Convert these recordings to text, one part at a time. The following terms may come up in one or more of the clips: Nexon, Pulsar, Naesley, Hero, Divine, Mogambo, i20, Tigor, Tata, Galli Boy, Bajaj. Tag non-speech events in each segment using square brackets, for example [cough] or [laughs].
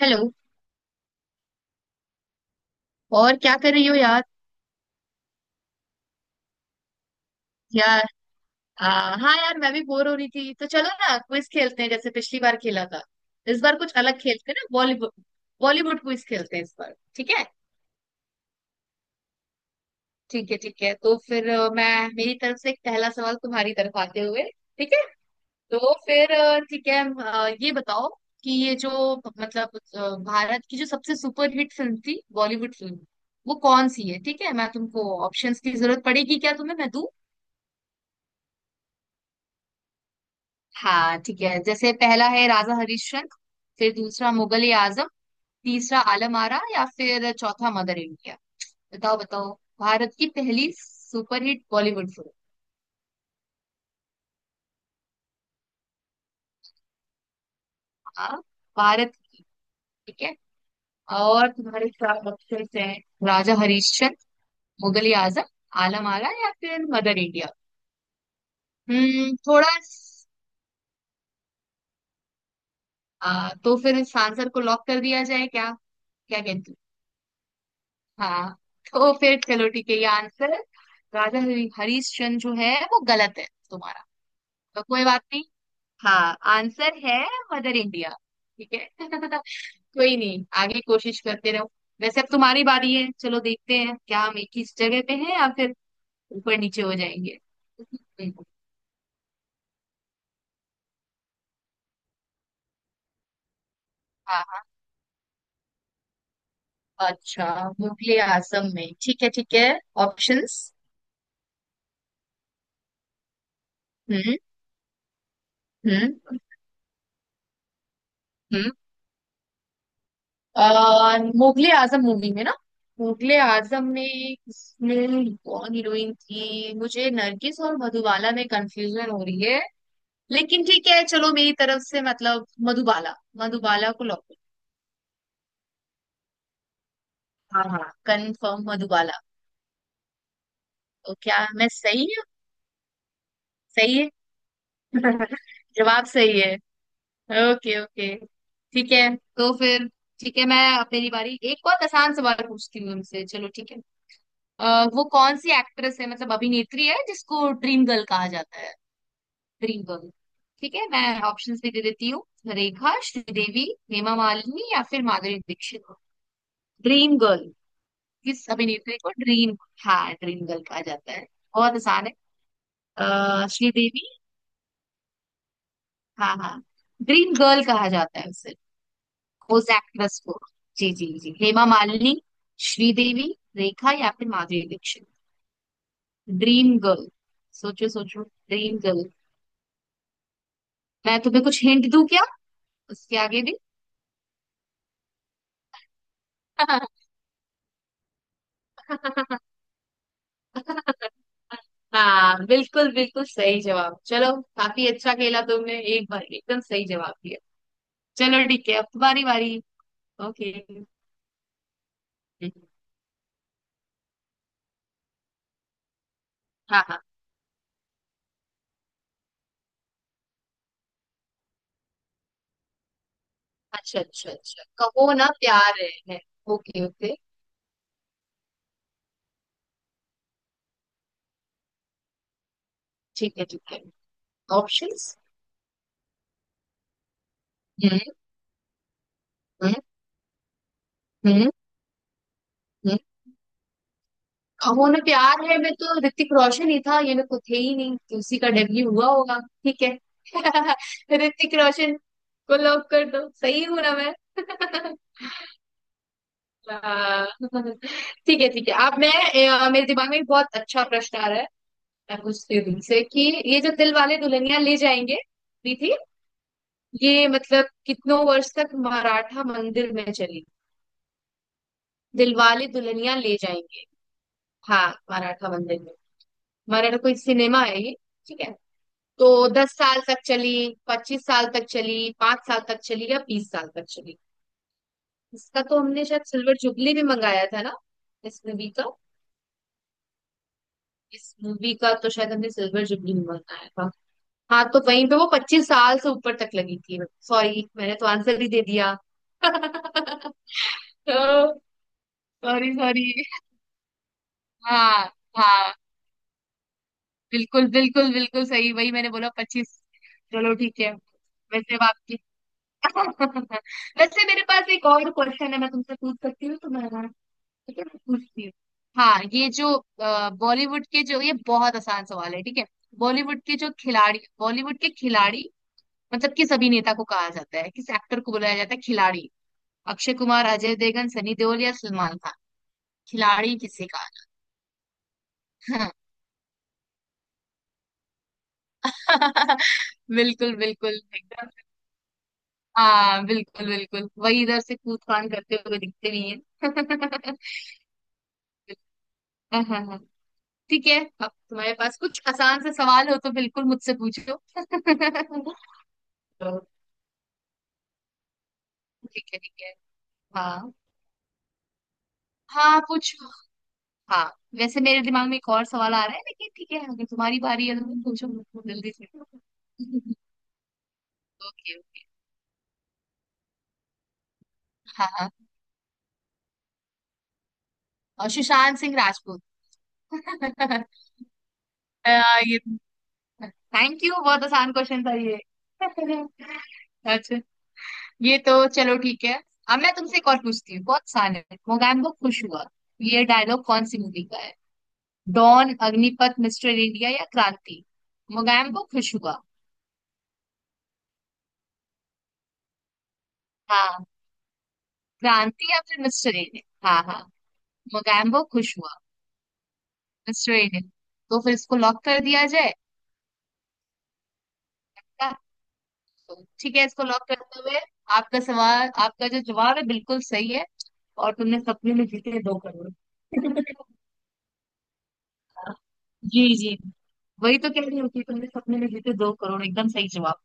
Hello. और क्या कर रही हो यार। यार। आ, हाँ यार, मैं भी बोर हो रही थी, तो चलो ना, क्विज खेलते हैं जैसे पिछली बार खेला था। इस बार कुछ अलग खेलते हैं ना, बॉलीवुड। बॉलीवुड क्विज खेलते हैं इस बार, ठीक है। ठीक है ठीक है, तो फिर मैं मेरी तरफ से एक पहला सवाल तुम्हारी तरफ आते हुए। ठीक है। तो फिर ठीक है, ये बताओ कि ये जो भारत की जो सबसे सुपरहिट फिल्म थी, बॉलीवुड फिल्म, वो कौन सी है। ठीक है, मैं तुमको ऑप्शंस की जरूरत पड़ेगी क्या तुम्हें, मैं दूं। हाँ, ठीक है। जैसे पहला है राजा हरिश्चंद्र, फिर दूसरा मुगल आजम, तीसरा आलम आरा, या फिर चौथा मदर इंडिया। बताओ बताओ, भारत की पहली सुपरहिट बॉलीवुड फिल्म। हाँ, भारत की। ठीक है। और तुम्हारे चार ऑप्शन हैं। राजा हरिश्चंद्र, मुगल आजम, आलम आरा, या फिर मदर इंडिया। हम्म, थोड़ा। तो फिर इस आंसर को लॉक कर दिया जाए क्या, क्या कहते हो। हाँ, तो फिर चलो, ठीक है ये आंसर। हरीश चंद्र जो है वो गलत है तुम्हारा। तो कोई बात नहीं। हाँ, आंसर है मदर इंडिया। ठीक है [laughs] कोई नहीं, आगे कोशिश करते रहो। वैसे अब तुम्हारी बारी है, चलो देखते हैं क्या हम एक ही जगह पे हैं या फिर ऊपर नीचे हो जाएंगे। [laughs] हम्म, हाँ हाँ। अच्छा, मुगले आजम में, ठीक है ठीक है। ऑप्शंस। हम्म हम्म हम्म। मुगले आजम मूवी में ना, मुगले आजम में इसमें कौन हीरोइन थी, मुझे नरगिस और मधुबाला में कंफ्यूजन हो रही है। लेकिन ठीक है, चलो मेरी तरफ से मतलब मधुबाला, मधुबाला को लॉक। हाँ हाँ, कंफर्म मधुबाला। तो क्या मैं सही हूँ। सही है। [laughs] जवाब सही है। Okay okay. ठीक है तो फिर, ठीक है, मैं अब मेरी बारी एक बहुत आसान सवाल पूछती हूँ उनसे, चलो ठीक है। अ, वो कौन सी एक्ट्रेस है, मतलब अभिनेत्री है, जिसको ड्रीम गर्ल कहा जाता है। Dream girl. ठीक है, मैं ऑप्शंस भी दे देती हूँ। रेखा, श्रीदेवी, हेमा मालिनी, या फिर माधुरी दीक्षित। ड्रीम गर्ल, किस अभिनेत्री को ड्रीम, हाँ ड्रीम गर्ल कहा जाता है। बहुत आसान है। श्रीदेवी, हाँ हाँ, ड्रीम गर्ल कहा जाता है उसे, उस एक्ट्रेस को। जी जी जी, हेमा मालिनी, श्रीदेवी, रेखा, या फिर माधुरी दीक्षित। ड्रीम गर्ल, सोचो सोचो ड्रीम गर्ल। मैं तुम्हें कुछ हिंट दूं क्या, उसके आगे भी। [laughs] हाँ बिल्कुल बिल्कुल, सही जवाब। चलो, काफी अच्छा खेला तुमने, एक बार एकदम सही जवाब दिया। चलो ठीक है, अब तुम्हारी बारी। ओके। हाँ हाँ। अच्छा अच्छा अच्छा, कहो ना प्यार है। ओके ओके, ठीक है ठीक है। ऑप्शंस। हम्म हम्म हम्म। खबों में प्यार है, मैं तो ऋतिक रोशन ही था, ये मेरे को थे ही नहीं, तो उसी का डेब्यू हुआ होगा। ठीक है [laughs] ऋतिक रोशन को लॉक कर दो, सही हूं ना मैं। [laughs] हाँ। ठीक है ठीक है, आप मैं, मेरे दिमाग में एक बहुत अच्छा प्रश्न आ रहा है। मैं पूछती हूँ तुमसे कि ये जो दिल वाले दुल्हनिया ले जाएंगे भी थी, ये मतलब कितनों वर्ष तक मराठा मंदिर में चली। दिल वाले दुल्हनिया ले जाएंगे, हाँ मराठा मंदिर में, मराठा कोई सिनेमा है ये, ठीक है। तो दस साल तक चली, पच्चीस साल तक चली, पांच साल तक चली, या बीस साल तक चली। इसका तो हमने शायद सिल्वर जुबली भी मंगाया था ना इस मूवी का, इस मूवी का तो शायद हमने सिल्वर जुबली भी मंगाया था। हाँ, तो वहीं पे वो पच्चीस साल से ऊपर तक लगी थी। सॉरी, मैंने तो आंसर ही दे दिया। [laughs] तो सॉरी सॉरी, हाँ हाँ, बिल्कुल बिल्कुल बिल्कुल सही, वही मैंने बोला पच्चीस। चलो ठीक है। वैसे अब आपकी। [laughs] वैसे मेरे पास एक और क्वेश्चन है, मैं तुमसे पूछ सकती हूँ तो, मैं हाँ। ठीक है मैं पूछती हूँ। हाँ, ये जो बॉलीवुड के जो, ये बहुत आसान सवाल है ठीक है। बॉलीवुड के जो खिलाड़ी, बॉलीवुड के खिलाड़ी, मतलब किस अभिनेता को कहा जाता है, किस एक्टर को बुलाया जाता है खिलाड़ी। अक्षय कुमार, अजय देवगन, सनी देओल, या सलमान खान। खिलाड़ी किसे कहा। हाँ। [laughs] बिल्कुल बिल्कुल एकदम, हाँ बिल्कुल बिल्कुल, वही इधर से कूद फान करते हुए दिखते भी हैं। [laughs] हाँ हाँ हाँ। ठीक है, अब तुम्हारे पास कुछ आसान से सवाल हो तो बिल्कुल मुझसे पूछो। [laughs] तो ठीक है ठीक है। हाँ हाँ पूछो, हाँ वैसे मेरे दिमाग में एक और सवाल आ रहा है, लेकिन ठीक है, अगर तुम्हारी बारी है तो तुम पूछो मुझको जल्दी से। [laughs] Okay okay. हाँ हाँ, और सुशांत सिंह राजपूत। [laughs] अ, ये, थैंक यू, बहुत आसान क्वेश्चन था ये। [laughs] अच्छा, ये तो चलो ठीक है, अब मैं तुमसे एक और पूछती हूँ, बहुत आसान है। मोगैम्बो खुश हुआ, ये डायलॉग कौन सी मूवी का। डॉन, अग्निपथ, मिस्टर इंडिया, या क्रांति। मोगैम्बो खुश हुआ। हाँ, क्रांति या फिर मिस्टर इंडिया, हाँ हाँ। मोगैम्बो खुश हुआ, मिस्टर इंडिया। तो फिर इसको लॉक कर दिया जाए क्या? तो ठीक है, इसको लॉक करते हुए, आपका सवाल, आपका जो जवाब है बिल्कुल सही है। और तुमने सपने में जीते 2 करोड़। [laughs] जी जी, वही तो कह रही हूँ कि तुमने सपने में जीते दो करोड़, एकदम सही जवाब।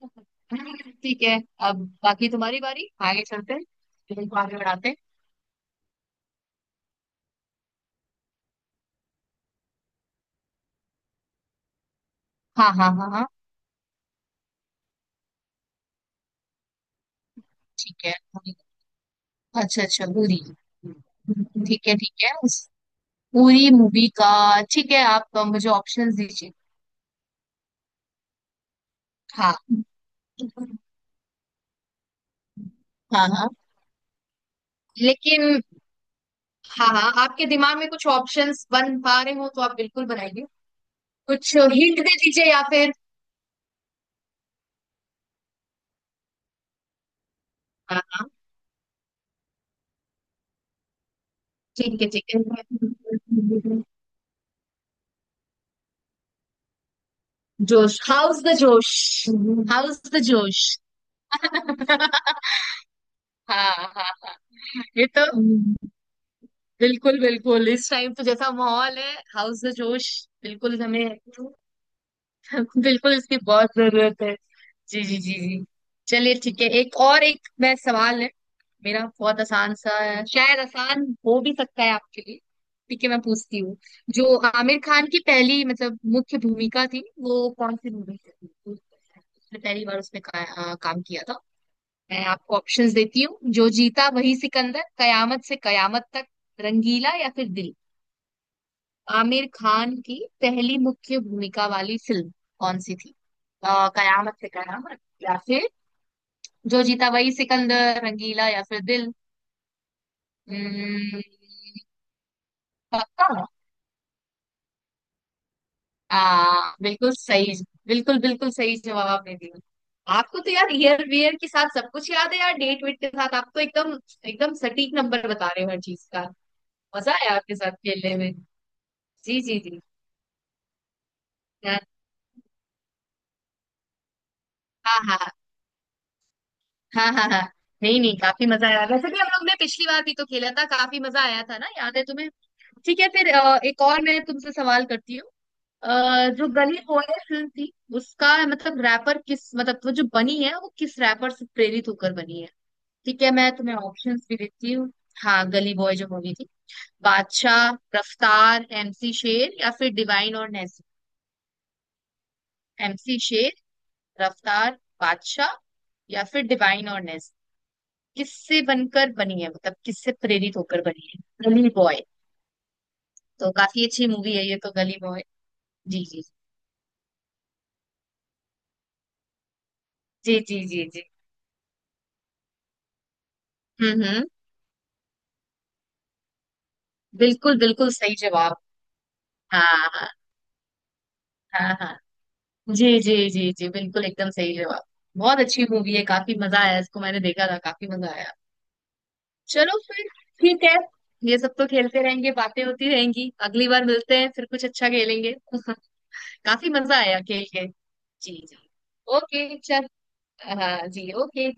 [laughs] ठीक है, अब बाकी तुम्हारी बारी, आगे चलते हैं, फिल्म को आगे बढ़ाते हैं। हाँ हाँ हाँ हाँ। ठीक है पूरी, अच्छा अच्छा पूरी, ठीक है उस पूरी मूवी का। ठीक है, आप मुझे ऑप्शंस दीजिए। हाँ हाँ। हाँ, लेकिन, हाँ हाँ आपके दिमाग में कुछ ऑप्शंस बन पा रहे हो तो आप बिल्कुल बनाइए, कुछ हिंट दे दीजिए या फिर। हाँ हाँ, ठीक है ठीक है। जोश, how's the josh. How's the जोश। [laughs] हाँ हाँ, ये तो बिल्कुल बिल्कुल, इस टाइम तो जैसा माहौल है, हाउस द जोश, बिल्कुल हमें। [laughs] बिल्कुल इसकी बहुत जरूरत है, जी जी जी जी। चलिए ठीक है, एक और एक मैं सवाल है, मेरा बहुत आसान सा है, शायद आसान हो भी सकता है आपके लिए। ठीक है मैं पूछती हूँ, जो आमिर खान की पहली मतलब मुख्य भूमिका थी, वो कौन सी मूवी थी, तो उसने पहली बार उसने काम किया था। मैं आपको ऑप्शंस देती हूँ। जो जीता वही सिकंदर, कयामत से कयामत तक, रंगीला, या फिर दिल। आमिर खान की पहली मुख्य भूमिका वाली फिल्म कौन सी थी, कयामत से कयामत, या फिर जो जीता वही सिकंदर, रंगीला, या फिर दिल। हम्म, पक्का। बिल्कुल सही, बिल्कुल बिल्कुल सही जवाब आपने दिया। आपको तो यार ईयर वियर के साथ सब कुछ याद है यार, डेट वेट के साथ आप तो एकदम, एकदम सटीक नंबर बता रहे हो हर चीज का। मजा आया आपके साथ खेलने में। जी जी जी। हाँ हाँ हाँ हाँ हाँ हाँ। नहीं नहीं, काफी मजा आया, वैसे भी हम लोग ने पिछली बार भी तो खेला था, काफी मजा आया था ना, याद है तुम्हें। ठीक है, फिर एक और मैं तुमसे सवाल करती हूँ। जो गली बॉय फिल्म थी, उसका मतलब रैपर किस, मतलब वो जो बनी है वो किस रैपर से प्रेरित होकर बनी है। ठीक है, मैं तुम्हें ऑप्शंस भी देती हूँ। हाँ, गली बॉय जो मूवी थी। बादशाह, रफ्तार, एमसी शेर, या फिर डिवाइन और नेस्ली। एमसी शेर, रफ्तार, बादशाह, या फिर डिवाइन और नेस्ली, किससे बनकर बनी है, मतलब किससे प्रेरित होकर बनी है गली बॉय। तो काफी अच्छी मूवी है ये तो, गली बॉय। जी जी जी जी। जी जी हम्म। बिल्कुल बिल्कुल सही जवाब। हाँ हाँ हाँ हाँ। जी जी जी जी, बिल्कुल एकदम सही जवाब। बहुत अच्छी मूवी है, काफी मजा आया, इसको मैंने देखा था, काफी मजा आया। चलो फिर, ठीक है, ये सब तो खेलते रहेंगे, बातें होती रहेंगी, अगली बार मिलते हैं फिर, कुछ अच्छा खेलेंगे। [laughs] काफी मजा आया खेल के। जी जी। ओके चल। हाँ जी, ओके।